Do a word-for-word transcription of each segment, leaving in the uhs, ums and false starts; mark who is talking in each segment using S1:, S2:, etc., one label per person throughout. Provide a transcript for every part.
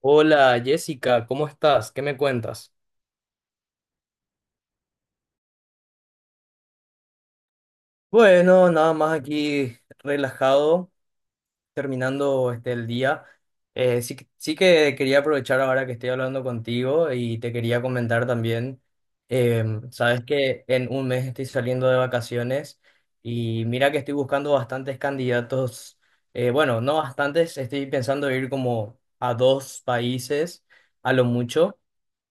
S1: Hola Jessica, ¿cómo estás? ¿Qué me cuentas? Bueno, nada más aquí relajado, terminando este, el día. Eh, sí, que- sí que quería aprovechar ahora que estoy hablando contigo y te quería comentar también, em, sabes que en un mes estoy saliendo de vacaciones y mira que estoy buscando bastantes candidatos, eh, bueno, no bastantes, estoy pensando ir como a dos países a lo mucho.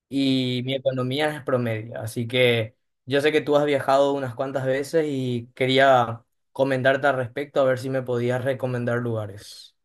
S1: Y mi economía es promedio. Así que yo sé que tú has viajado unas cuantas veces y quería comentarte al respecto a ver si me podías recomendar lugares.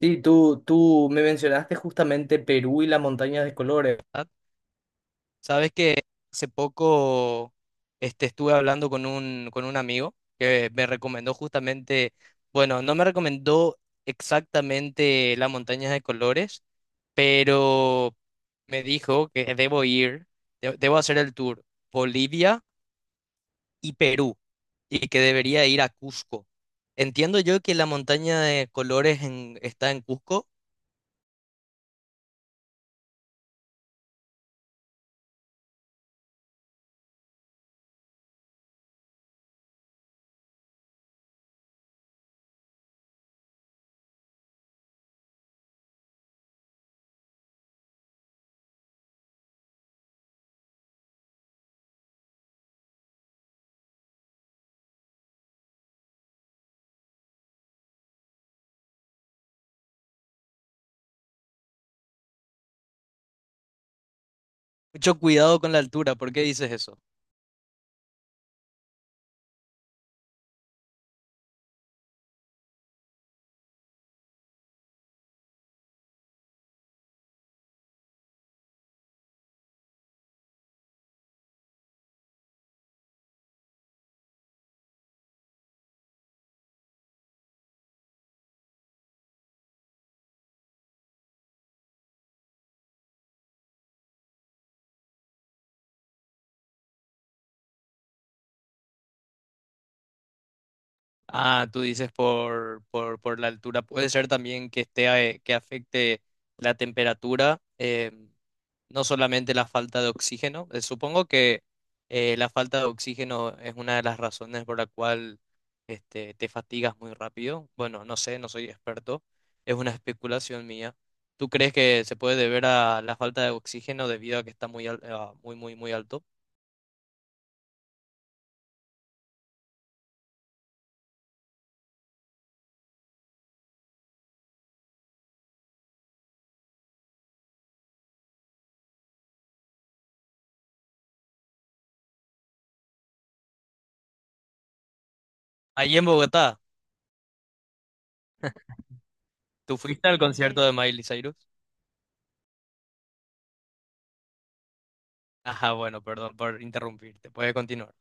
S1: Sí, tú, tú me mencionaste justamente Perú y las montañas de colores, ¿verdad? Sabes que hace poco este, estuve hablando con un, con un amigo que me recomendó justamente, bueno, no me recomendó exactamente las montañas de colores, pero me dijo que debo ir, de- debo hacer el tour Bolivia y Perú y que debería ir a Cusco. Entiendo yo que la montaña de colores en- está en Cusco. Mucho cuidado con la altura, ¿por qué dices eso? Ah, tú dices por, por, por la altura. Puede ser también que esté, eh, que afecte la temperatura, eh, no solamente la falta de oxígeno. Eh, supongo que eh, la falta de oxígeno es una de las razones por la cual este, te fatigas muy rápido. Bueno, no sé, no soy experto. Es una especulación mía. ¿Tú crees que se puede deber a la falta de oxígeno debido a que está muy, al- eh, muy, muy, muy alto? Allí en Bogotá, ¿tú fuiste al concierto, Sí. de Miley Cyrus? Ajá, bueno, perdón por interrumpirte. Puede continuar.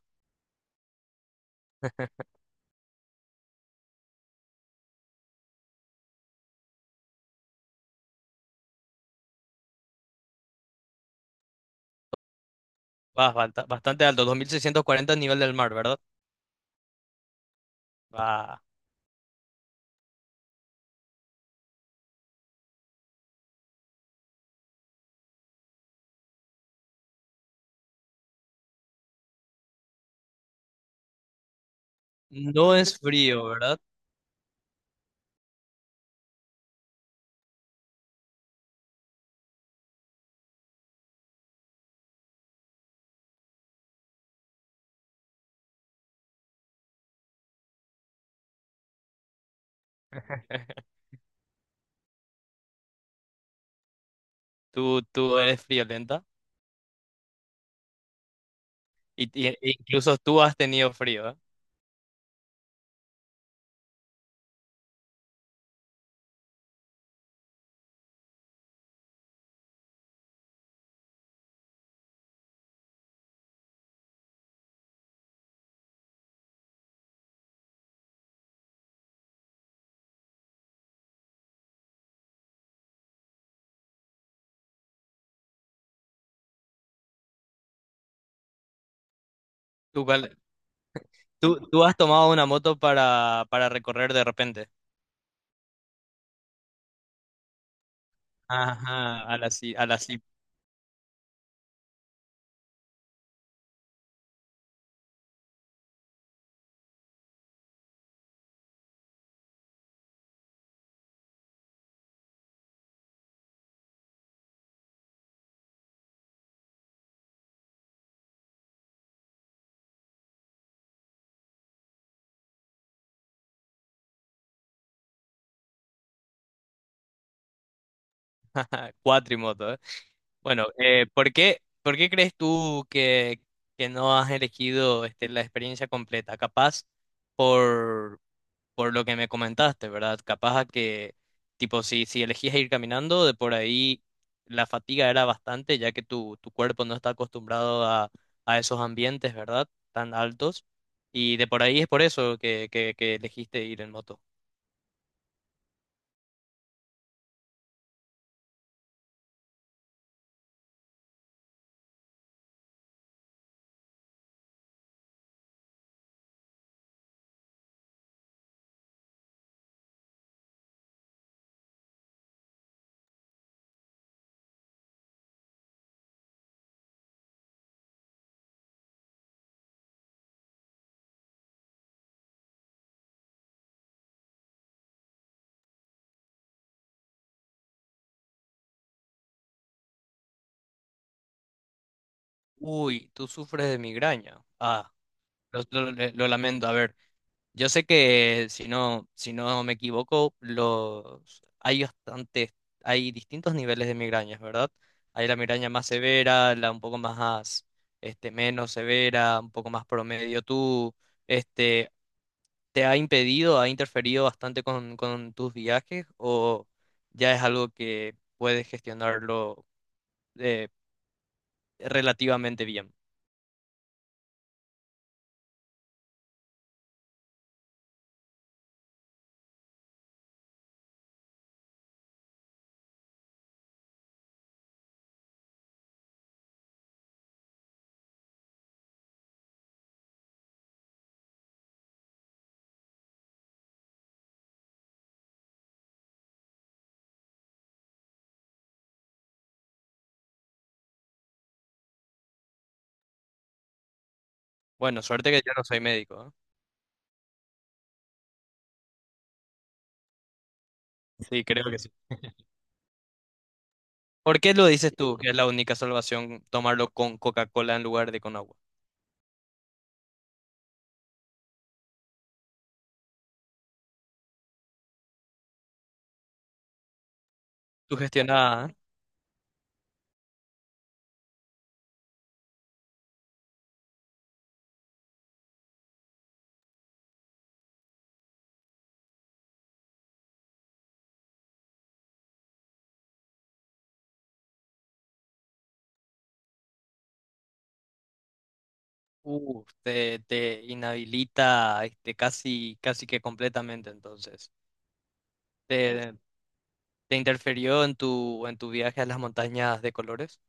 S1: Vas basta- bastante alto, dos mil seiscientos cuarenta nivel del mar, ¿verdad? Va. No es frío, ¿verdad? Tú, tú eres friolenta. Y, y- e incluso tú has tenido frío, ¿eh? Tú, cuál- tú, tú has tomado una moto para, para recorrer de repente. Ajá, a la, ci- a la ci- Cuatrimoto, ¿eh? Bueno, eh, ¿por qué, por qué crees tú que, que no has elegido este, la experiencia completa? Capaz por, por lo que me comentaste, ¿verdad? Capaz a que, tipo, si, si elegías ir caminando, de por ahí la fatiga era bastante, ya que tu, tu cuerpo no está acostumbrado a, a esos ambientes, ¿verdad? Tan altos. Y de por ahí es por eso que, que, que elegiste ir en moto. Uy, tú sufres de migraña. Ah, lo, lo- lo lamento. A ver, yo sé que si no, si no me equivoco, los hay bastantes, hay distintos niveles de migrañas, ¿verdad? Hay la migraña más severa, la un poco más, este, menos severa, un poco más promedio. ¿Tú, este, te ha impedido, ha interferido bastante con, con tus viajes o ya es algo que puedes gestionarlo eh, relativamente bien? Bueno, suerte que yo no soy médico, ¿eh? Sí, creo que sí. ¿Por qué lo dices tú que es la única salvación tomarlo con Coca-Cola en lugar de con agua? Sugestionada, ¿eh? Uh, te, te inhabilita este, casi, casi que completamente entonces. ¿Te, te interfirió en tu, en tu viaje a las montañas de colores?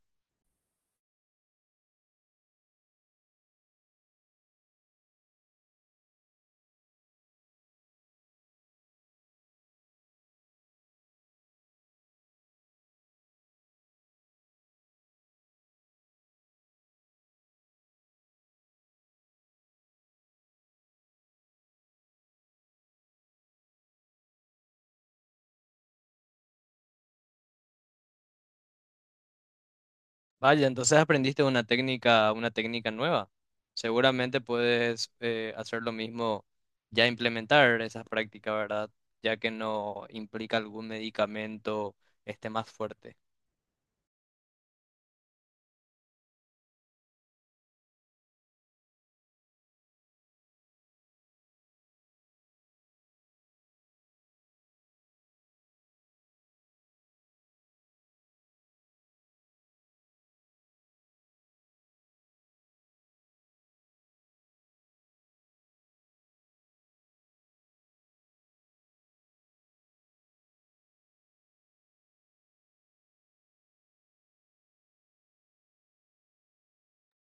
S1: Vaya, entonces aprendiste una técnica, una técnica nueva. Seguramente puedes eh, hacer lo mismo, ya implementar esa práctica, ¿verdad? Ya que no implica algún medicamento este, más fuerte.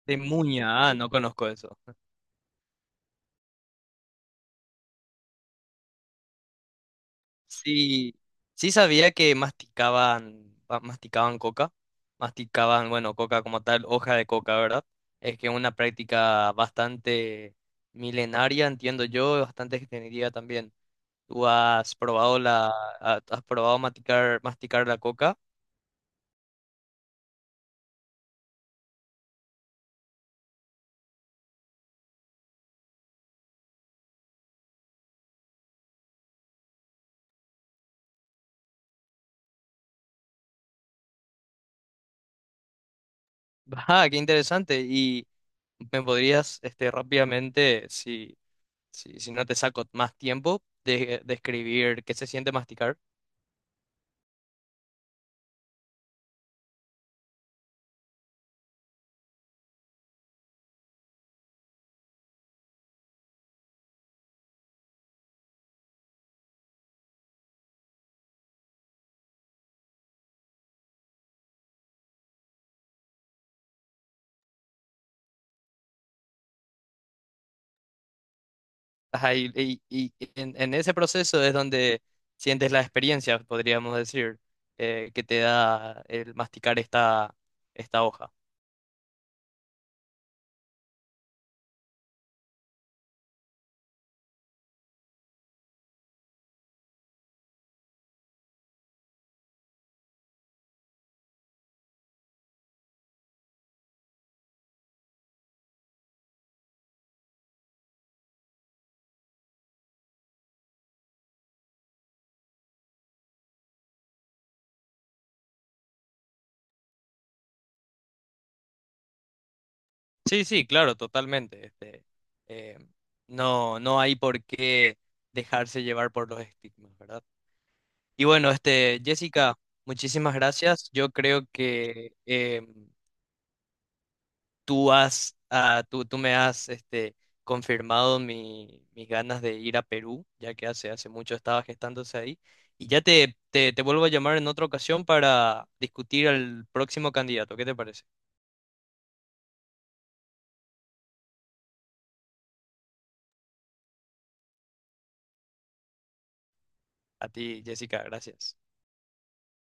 S1: De muña, ah, no conozco eso. Sí, sí sabía que masticaban, pa- masticaban coca, masticaban, bueno, coca como tal, hoja de coca, ¿verdad? Es que es una práctica bastante milenaria, entiendo yo, bastante extendida también. ¿Tú has probado la, ha- has probado masticar, masticar la coca? Ah, qué interesante. Y me podrías, este, rápidamente, si, si, si no te saco más tiempo, de, describir qué se siente masticar. Ajá, y, y- y en, en ese proceso es donde sientes la experiencia, podríamos decir, eh, que te da el masticar esta, esta hoja. Sí, sí, claro, totalmente. Este, eh, no, no hay por qué dejarse llevar por los estigmas, ¿verdad? Y bueno, este, Jessica, muchísimas gracias. Yo creo que em, tú has, ah, tú, tú me has este, confirmado mi- mis ganas de ir a Perú, ya que hace, hace mucho estaba gestándose ahí. Y ya te, te, te vuelvo a llamar en otra ocasión para discutir al próximo candidato. ¿Qué te parece? A ti, Jessica, gracias.